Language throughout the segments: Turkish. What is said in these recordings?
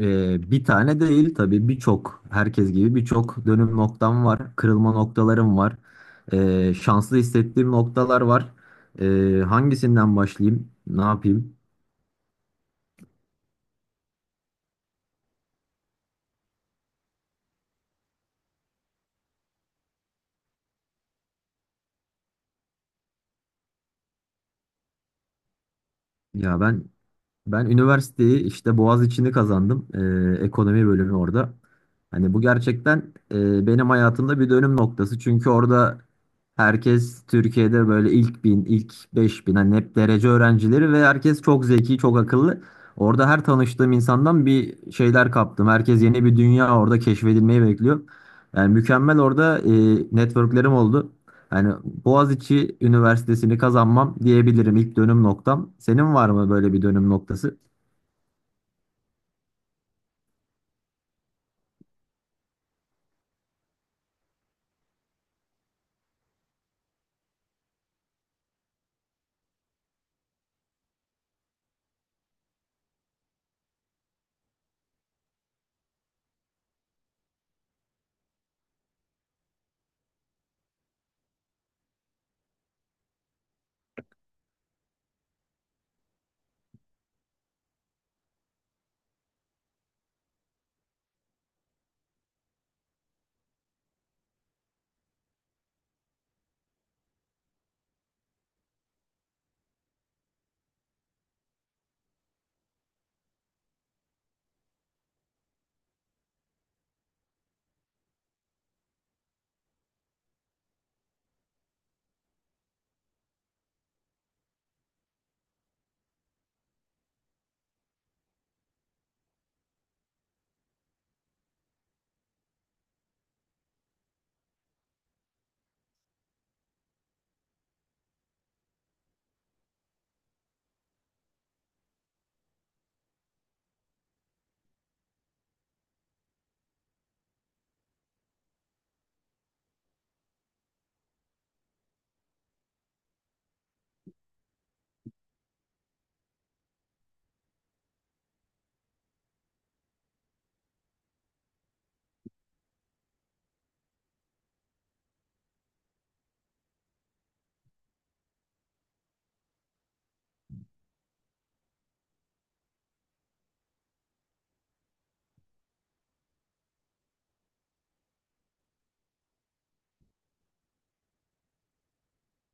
Bir tane değil tabii birçok herkes gibi birçok dönüm noktam var. Kırılma noktalarım var. Şanslı hissettiğim noktalar var. Hangisinden başlayayım? Ne yapayım? Ya ben Ben üniversiteyi işte Boğaziçi'ni kazandım. Ekonomi bölümü orada. Hani bu gerçekten benim hayatımda bir dönüm noktası. Çünkü orada herkes Türkiye'de böyle ilk bin, ilk beş bin hani hep derece öğrencileri ve herkes çok zeki, çok akıllı. Orada her tanıştığım insandan bir şeyler kaptım. Herkes yeni bir dünya orada keşfedilmeyi bekliyor. Yani mükemmel orada networklerim oldu. Yani Boğaziçi Üniversitesi'ni kazanmam diyebilirim ilk dönüm noktam. Senin var mı böyle bir dönüm noktası?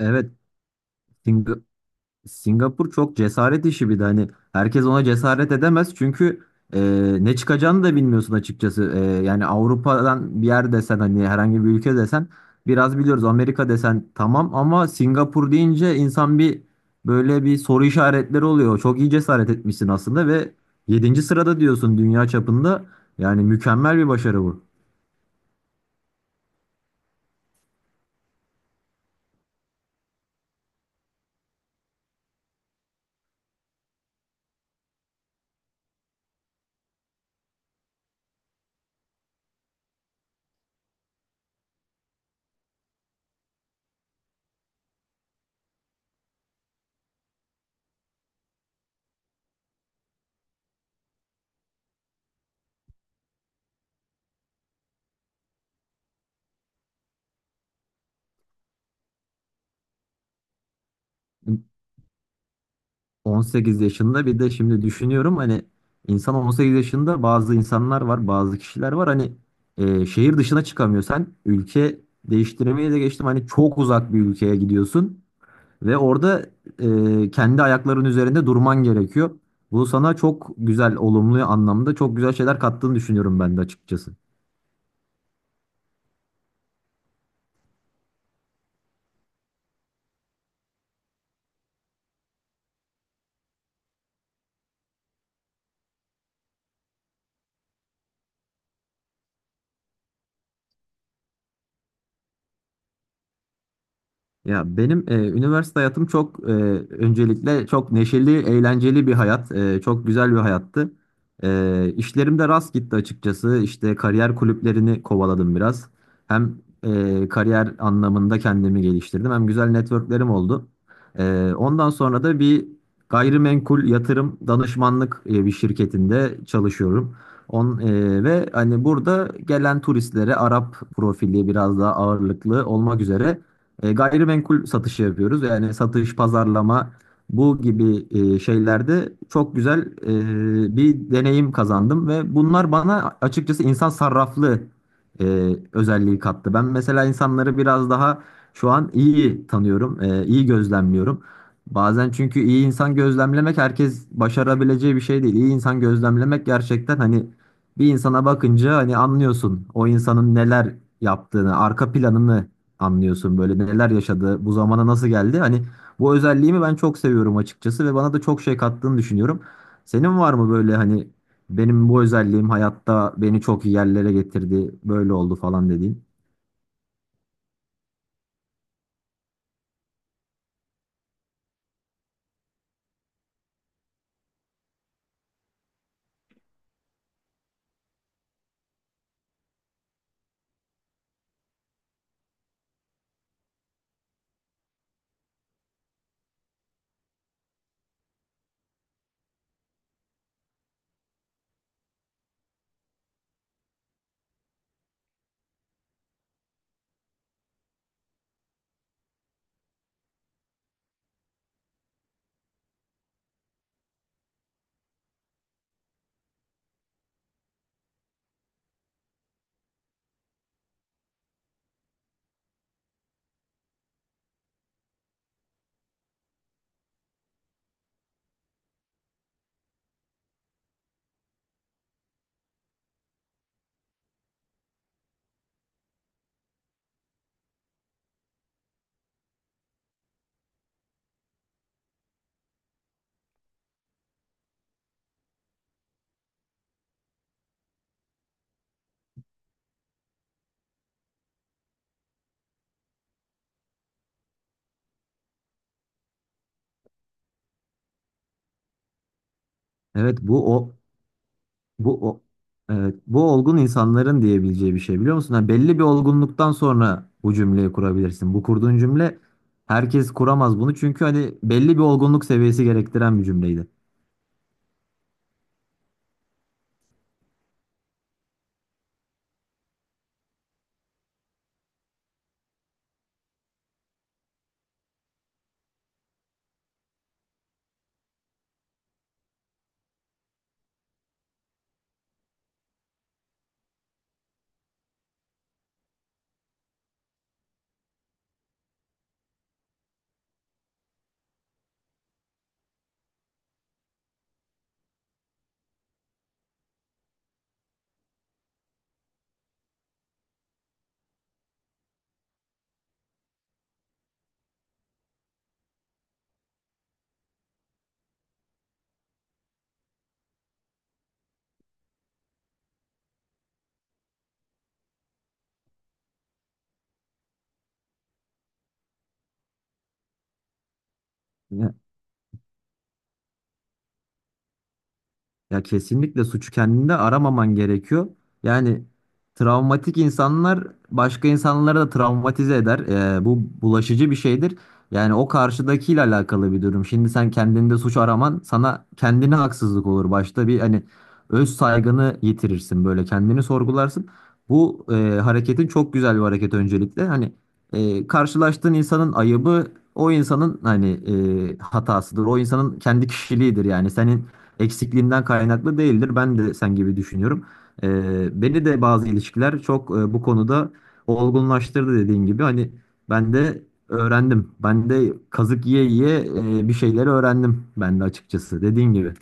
Evet, Singapur çok cesaret işi bir de hani herkes ona cesaret edemez çünkü e, ne çıkacağını da bilmiyorsun açıkçası. Yani Avrupa'dan bir yer desen hani herhangi bir ülke desen biraz biliyoruz. Amerika desen tamam ama Singapur deyince insan bir böyle bir soru işaretleri oluyor. Çok iyi cesaret etmişsin aslında ve yedinci sırada diyorsun dünya çapında. Yani mükemmel bir başarı bu. 18 yaşında bir de şimdi düşünüyorum hani insan 18 yaşında bazı insanlar var bazı kişiler var hani şehir dışına çıkamıyor sen ülke değiştirmeye de geçtim hani çok uzak bir ülkeye gidiyorsun ve orada kendi ayakların üzerinde durman gerekiyor. Bu sana çok güzel olumlu anlamda çok güzel şeyler kattığını düşünüyorum ben de açıkçası. Ya benim üniversite hayatım çok öncelikle çok neşeli, eğlenceli bir hayat. Çok güzel bir hayattı. İşlerim de rast gitti açıkçası. İşte kariyer kulüplerini kovaladım biraz. Hem kariyer anlamında kendimi geliştirdim hem güzel networklerim oldu. Ondan sonra da bir gayrimenkul yatırım danışmanlık bir şirketinde çalışıyorum. Ve hani burada gelen turistlere Arap profili biraz daha ağırlıklı olmak üzere gayrimenkul satışı yapıyoruz. Yani satış, pazarlama bu gibi şeylerde çok güzel bir deneyim kazandım ve bunlar bana açıkçası insan sarraflı özelliği kattı. Ben mesela insanları biraz daha şu an iyi tanıyorum, iyi gözlemliyorum. Bazen çünkü iyi insan gözlemlemek herkes başarabileceği bir şey değil. İyi insan gözlemlemek gerçekten hani bir insana bakınca hani anlıyorsun o insanın neler yaptığını, arka planını anlıyorsun böyle neler yaşadı, bu zamana nasıl geldi. Hani bu özelliğimi ben çok seviyorum açıkçası ve bana da çok şey kattığını düşünüyorum. Senin var mı böyle hani benim bu özelliğim hayatta beni çok iyi yerlere getirdi, böyle oldu falan dediğin? Evet bu o bu o evet, bu olgun insanların diyebileceği bir şey biliyor musun? Hani belli bir olgunluktan sonra bu cümleyi kurabilirsin. Bu kurduğun cümle herkes kuramaz bunu çünkü hani belli bir olgunluk seviyesi gerektiren bir cümleydi. Ya kesinlikle suçu kendinde aramaman gerekiyor. Yani travmatik insanlar başka insanları da travmatize eder. Bu bulaşıcı bir şeydir. Yani o karşıdakiyle alakalı bir durum. Şimdi sen kendinde suç araman sana kendine haksızlık olur. Başta bir hani öz saygını yitirirsin böyle kendini sorgularsın. Bu hareketin çok güzel bir hareket öncelikle. Hani karşılaştığın insanın ayıbı o insanın hani hatasıdır. O insanın kendi kişiliğidir yani. Senin eksikliğimden kaynaklı değildir. Ben de sen gibi düşünüyorum. Beni de bazı ilişkiler çok bu konuda olgunlaştırdı dediğin gibi. Hani ben de öğrendim. Ben de kazık yiye yiye bir şeyleri öğrendim ben de açıkçası dediğin gibi.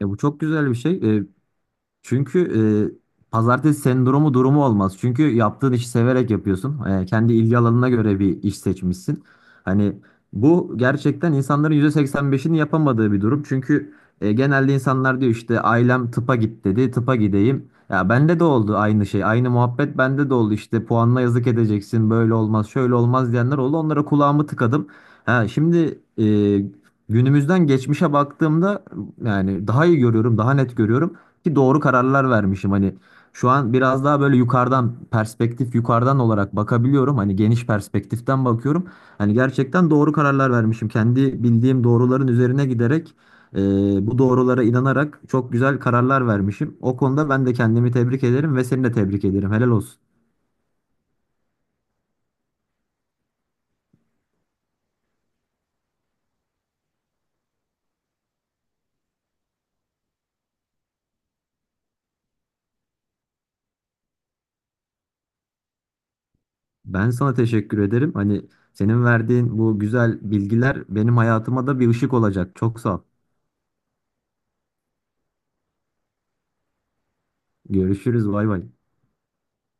Bu çok güzel bir şey. Çünkü pazartesi sendromu durumu olmaz. Çünkü yaptığın işi severek yapıyorsun. Kendi ilgi alanına göre bir iş seçmişsin. Hani bu gerçekten insanların %85'ini yapamadığı bir durum. Çünkü genelde insanlar diyor işte ailem tıpa git dedi, tıpa gideyim. Ya bende de oldu aynı şey, aynı muhabbet bende de oldu. İşte puanla yazık edeceksin, böyle olmaz, şöyle olmaz diyenler oldu. Onlara kulağımı tıkadım. Ha, şimdi günümüzden geçmişe baktığımda yani daha iyi görüyorum, daha net görüyorum ki doğru kararlar vermişim hani şu an biraz daha böyle yukarıdan perspektif yukarıdan olarak bakabiliyorum hani geniş perspektiften bakıyorum hani gerçekten doğru kararlar vermişim kendi bildiğim doğruların üzerine giderek e, bu doğrulara inanarak çok güzel kararlar vermişim o konuda ben de kendimi tebrik ederim ve seni de tebrik ederim helal olsun ben sana teşekkür ederim hani senin verdiğin bu güzel bilgiler benim hayatıma da bir ışık olacak çok sağ ol görüşürüz bay bay